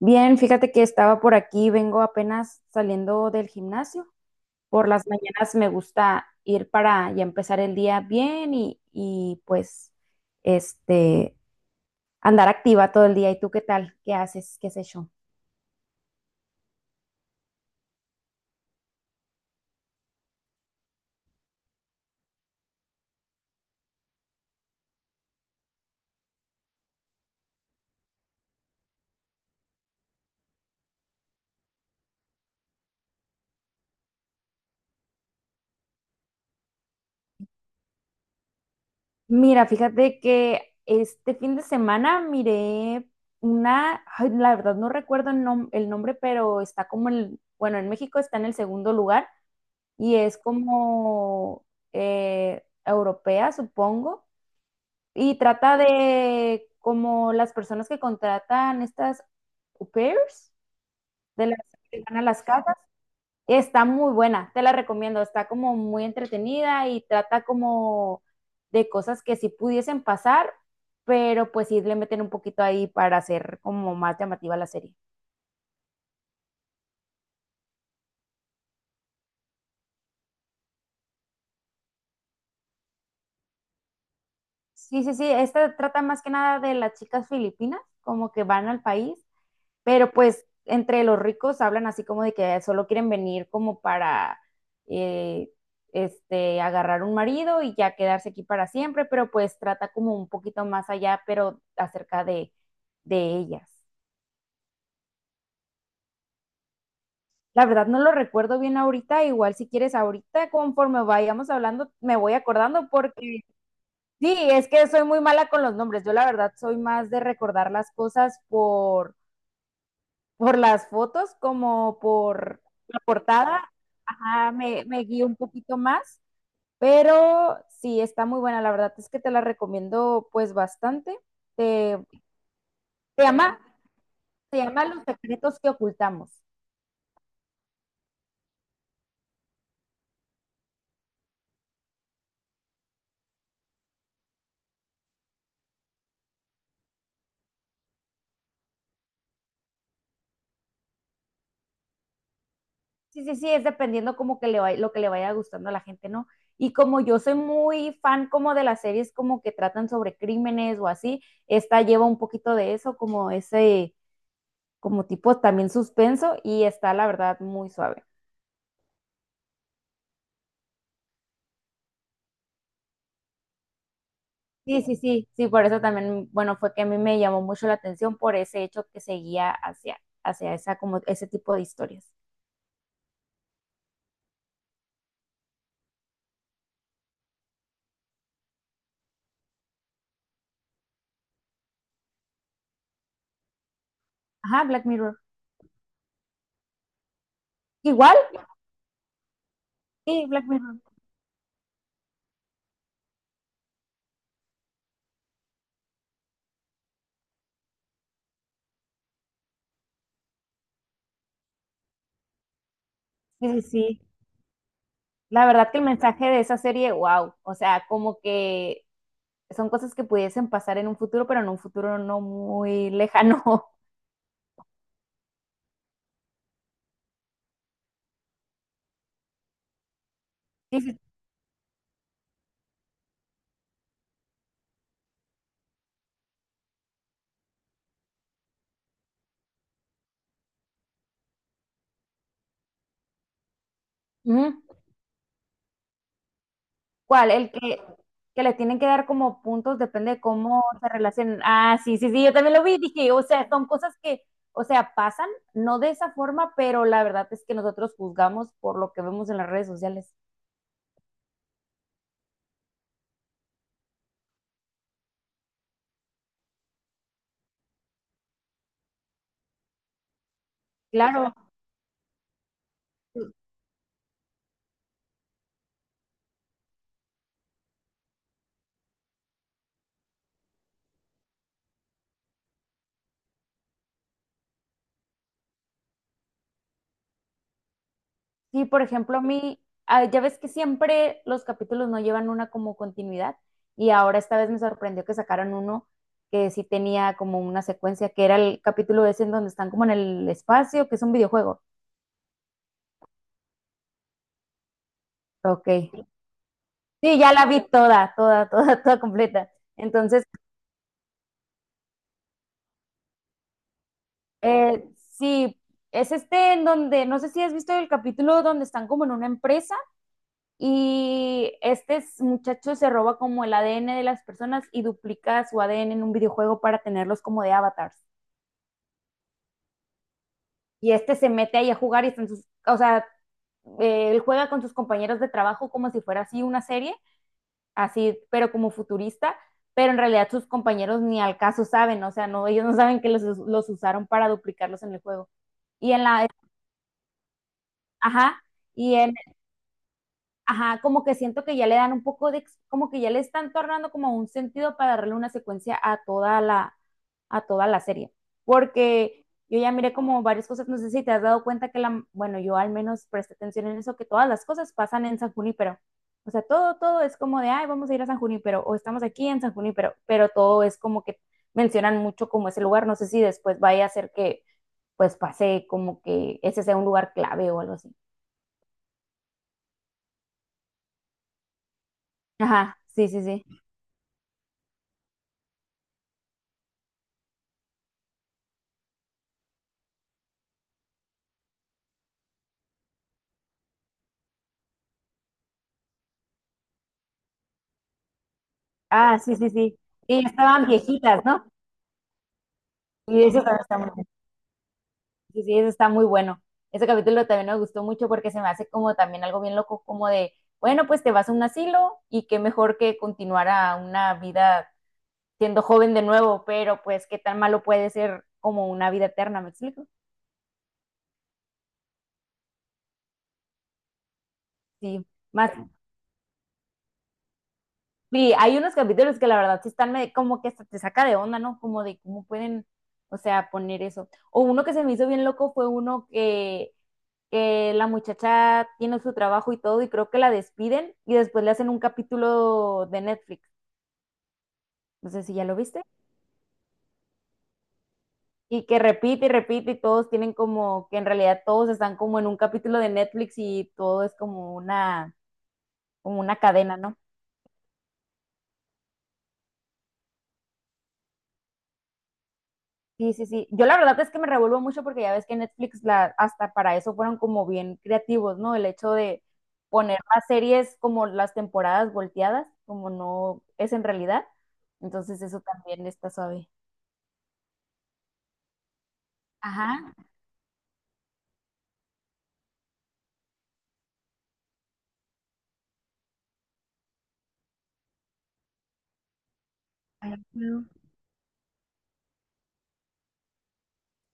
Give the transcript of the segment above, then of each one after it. Bien, fíjate que estaba por aquí, vengo apenas saliendo del gimnasio. Por las mañanas me gusta ir para ya empezar el día bien y, pues este andar activa todo el día. ¿Y tú qué tal? ¿Qué haces? ¿Qué has hecho? Mira, fíjate que este fin de semana miré una, ay, la verdad no recuerdo el, el nombre, pero está como el, bueno, en México está en el segundo lugar y es como europea, supongo. Y trata de como las personas que contratan estas au pairs de las que van a las casas. Está muy buena, te la recomiendo. Está como muy entretenida y trata como de cosas que sí pudiesen pasar, pero pues sí le meten un poquito ahí para hacer como más llamativa la serie. Sí, sí, sí, esta trata más que nada de las chicas filipinas, como que van al país. Pero pues entre los ricos hablan así como de que solo quieren venir como para eh, agarrar un marido y ya quedarse aquí para siempre, pero pues trata como un poquito más allá, pero acerca de ellas. La verdad no lo recuerdo bien ahorita, igual si quieres ahorita, conforme vayamos hablando, me voy acordando porque sí, es que soy muy mala con los nombres. Yo la verdad soy más de recordar las cosas por las fotos como por la portada. Ah, me guío un poquito más, pero sí, está muy buena. La verdad es que te la recomiendo pues bastante. Te, se llama, se llama Los secretos que ocultamos. Sí, sí, sí, es dependiendo como que lo que le vaya gustando a la gente, ¿no? Y como yo soy muy fan como de las series como que tratan sobre crímenes o así, esta lleva un poquito de eso, como ese, como tipo también suspenso y está la verdad muy suave. Sí, sí, sí, sí, por eso también, bueno, fue que a mí me llamó mucho la atención por ese hecho que seguía hacia esa, como ese tipo de historias. Ajá, Black Mirror. Igual, sí, Black Mirror. Sí, sí, sí. La verdad que el mensaje de esa serie, wow, o sea, como que son cosas que pudiesen pasar en un futuro, pero en un futuro no muy lejano. Sí, sí. Ujú. ¿Cuál? El que les tienen que dar como puntos, depende de cómo se relacionen. Ah, sí, sí, sí, yo también lo vi, dije, o sea, son cosas que, o sea, pasan, no de esa forma, pero la verdad es que nosotros juzgamos por lo que vemos en las redes sociales. Claro, sí, por ejemplo, a mí, ah, ya ves que siempre los capítulos no llevan una como continuidad, y ahora esta vez me sorprendió que sacaran uno que sí tenía como una secuencia, que era el capítulo ese en donde están como en el espacio, que es un videojuego. Ok. Sí, ya la vi toda, toda, toda, toda completa. Entonces, eh, sí, es este en donde, no sé si has visto el capítulo donde están como en una empresa y este muchacho se roba como el ADN de las personas y duplica su ADN en un videojuego para tenerlos como de avatars. Y este se mete ahí a jugar y están sus, o sea, él juega con sus compañeros de trabajo como si fuera así una serie así, pero como futurista, pero en realidad sus compañeros ni al caso saben, o sea, no, ellos no saben que los usaron para duplicarlos en el juego. Y en la, ajá, y en ajá, como que siento que ya le dan un poco de, como que ya le están tornando como un sentido para darle una secuencia a toda la serie. Porque yo ya miré como varias cosas, no sé si te has dado cuenta que la, bueno, yo al menos presté atención en eso, que todas las cosas pasan en San Junípero. O sea, todo, todo es como de, ay, vamos a ir a San Junípero, o estamos aquí en San Junípero, pero todo es como que mencionan mucho como ese lugar, no sé si después vaya a ser que, pues, pase como que ese sea un lugar clave o algo así. Ajá, sí, sí, sí. Ah, sí, sí, sí. Sí, estaban viejitas, ¿no? Y eso también está muy bueno. Sí, sí, eso está muy bueno. Ese capítulo también me gustó mucho porque se me hace como también algo bien loco, como de, bueno, pues te vas a un asilo y qué mejor que continuar a una vida siendo joven de nuevo, pero pues qué tan malo puede ser como una vida eterna, ¿me explico? Sí, más. Sí, hay unos capítulos que la verdad sí están como que hasta te saca de onda, ¿no? Como de cómo pueden, o sea, poner eso. O uno que se me hizo bien loco fue uno que la muchacha tiene su trabajo y todo, y creo que la despiden y después le hacen un capítulo de Netflix. No sé si ya lo viste. Y que repite y repite y todos tienen como que en realidad todos están como en un capítulo de Netflix y todo es como una cadena, ¿no? Sí, sí, sí. Yo la verdad es que me revuelvo mucho porque ya ves que Netflix la, hasta para eso fueron como bien creativos, ¿no? El hecho de poner las series como las temporadas volteadas, como no es en realidad. Entonces eso también está suave. Ajá. Ay, no.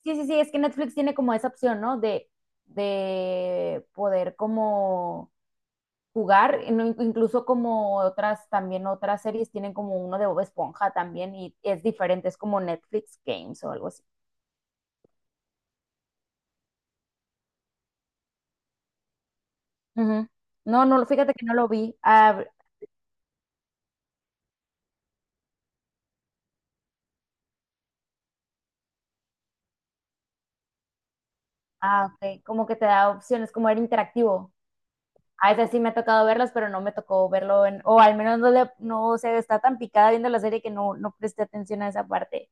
Sí, sí, sí, es que Netflix tiene como esa opción, ¿no? De poder como jugar, y incluso como otras, también otras series tienen como uno de Bob Esponja también y es diferente, es como Netflix Games o algo así. Ujú. No, no, fíjate que no lo vi. Ah, ah, ok, como que te da opciones, como era interactivo. A veces sí me ha tocado verlas, pero no me tocó verlo en, o al menos no le, no se está tan picada viendo la serie que no, no presté atención a esa parte.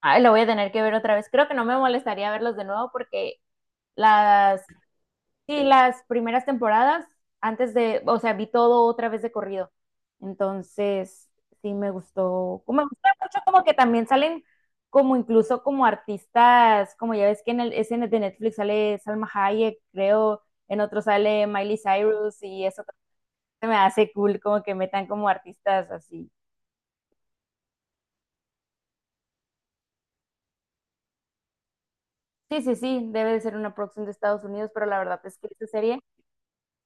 Ay, lo voy a tener que ver otra vez. Creo que no me molestaría verlos de nuevo porque las, sí, las primeras temporadas, antes de, o sea, vi todo otra vez de corrido. Entonces, sí me gustó. Me gusta mucho como que también salen como incluso como artistas, como ya ves que en el SN de Netflix sale Salma Hayek, creo, en otro sale Miley Cyrus y eso se me hace cool como que metan como artistas así. Sí, sí, sí, debe de ser una producción de Estados Unidos, pero la verdad es que esta serie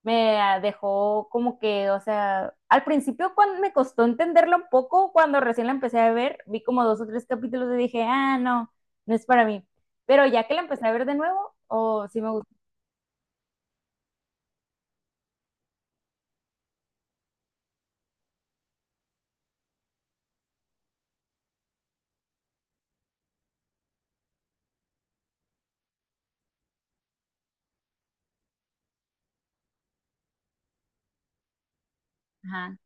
me dejó como que, o sea, al principio cuando me costó entenderlo un poco, cuando recién la empecé a ver, vi como dos o tres capítulos y dije, ah, no, no es para mí. Pero ya que la empecé a ver de nuevo, oh, sí me gusta. Ajá.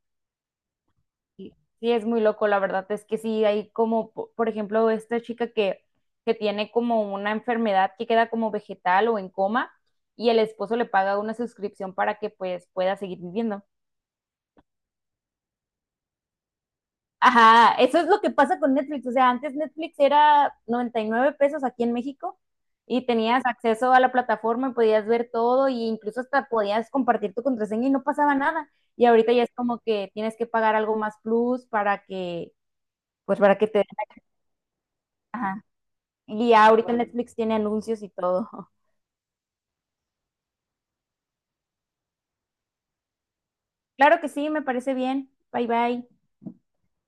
Sí, sí, es muy loco, la verdad es que sí, hay como, por ejemplo, esta chica que tiene como una enfermedad que queda como vegetal o en coma y el esposo le paga una suscripción para que pues pueda seguir viviendo. Ajá, eso es lo que pasa con Netflix. O sea, antes Netflix era 99 pesos aquí en México y tenías acceso a la plataforma y podías ver todo e incluso hasta podías compartir tu contraseña y no pasaba nada. Y ahorita ya es como que tienes que pagar algo más plus para que, pues para que te den. Ajá. Y ya ahorita Netflix tiene anuncios y todo. Claro que sí, me parece bien. Bye bye.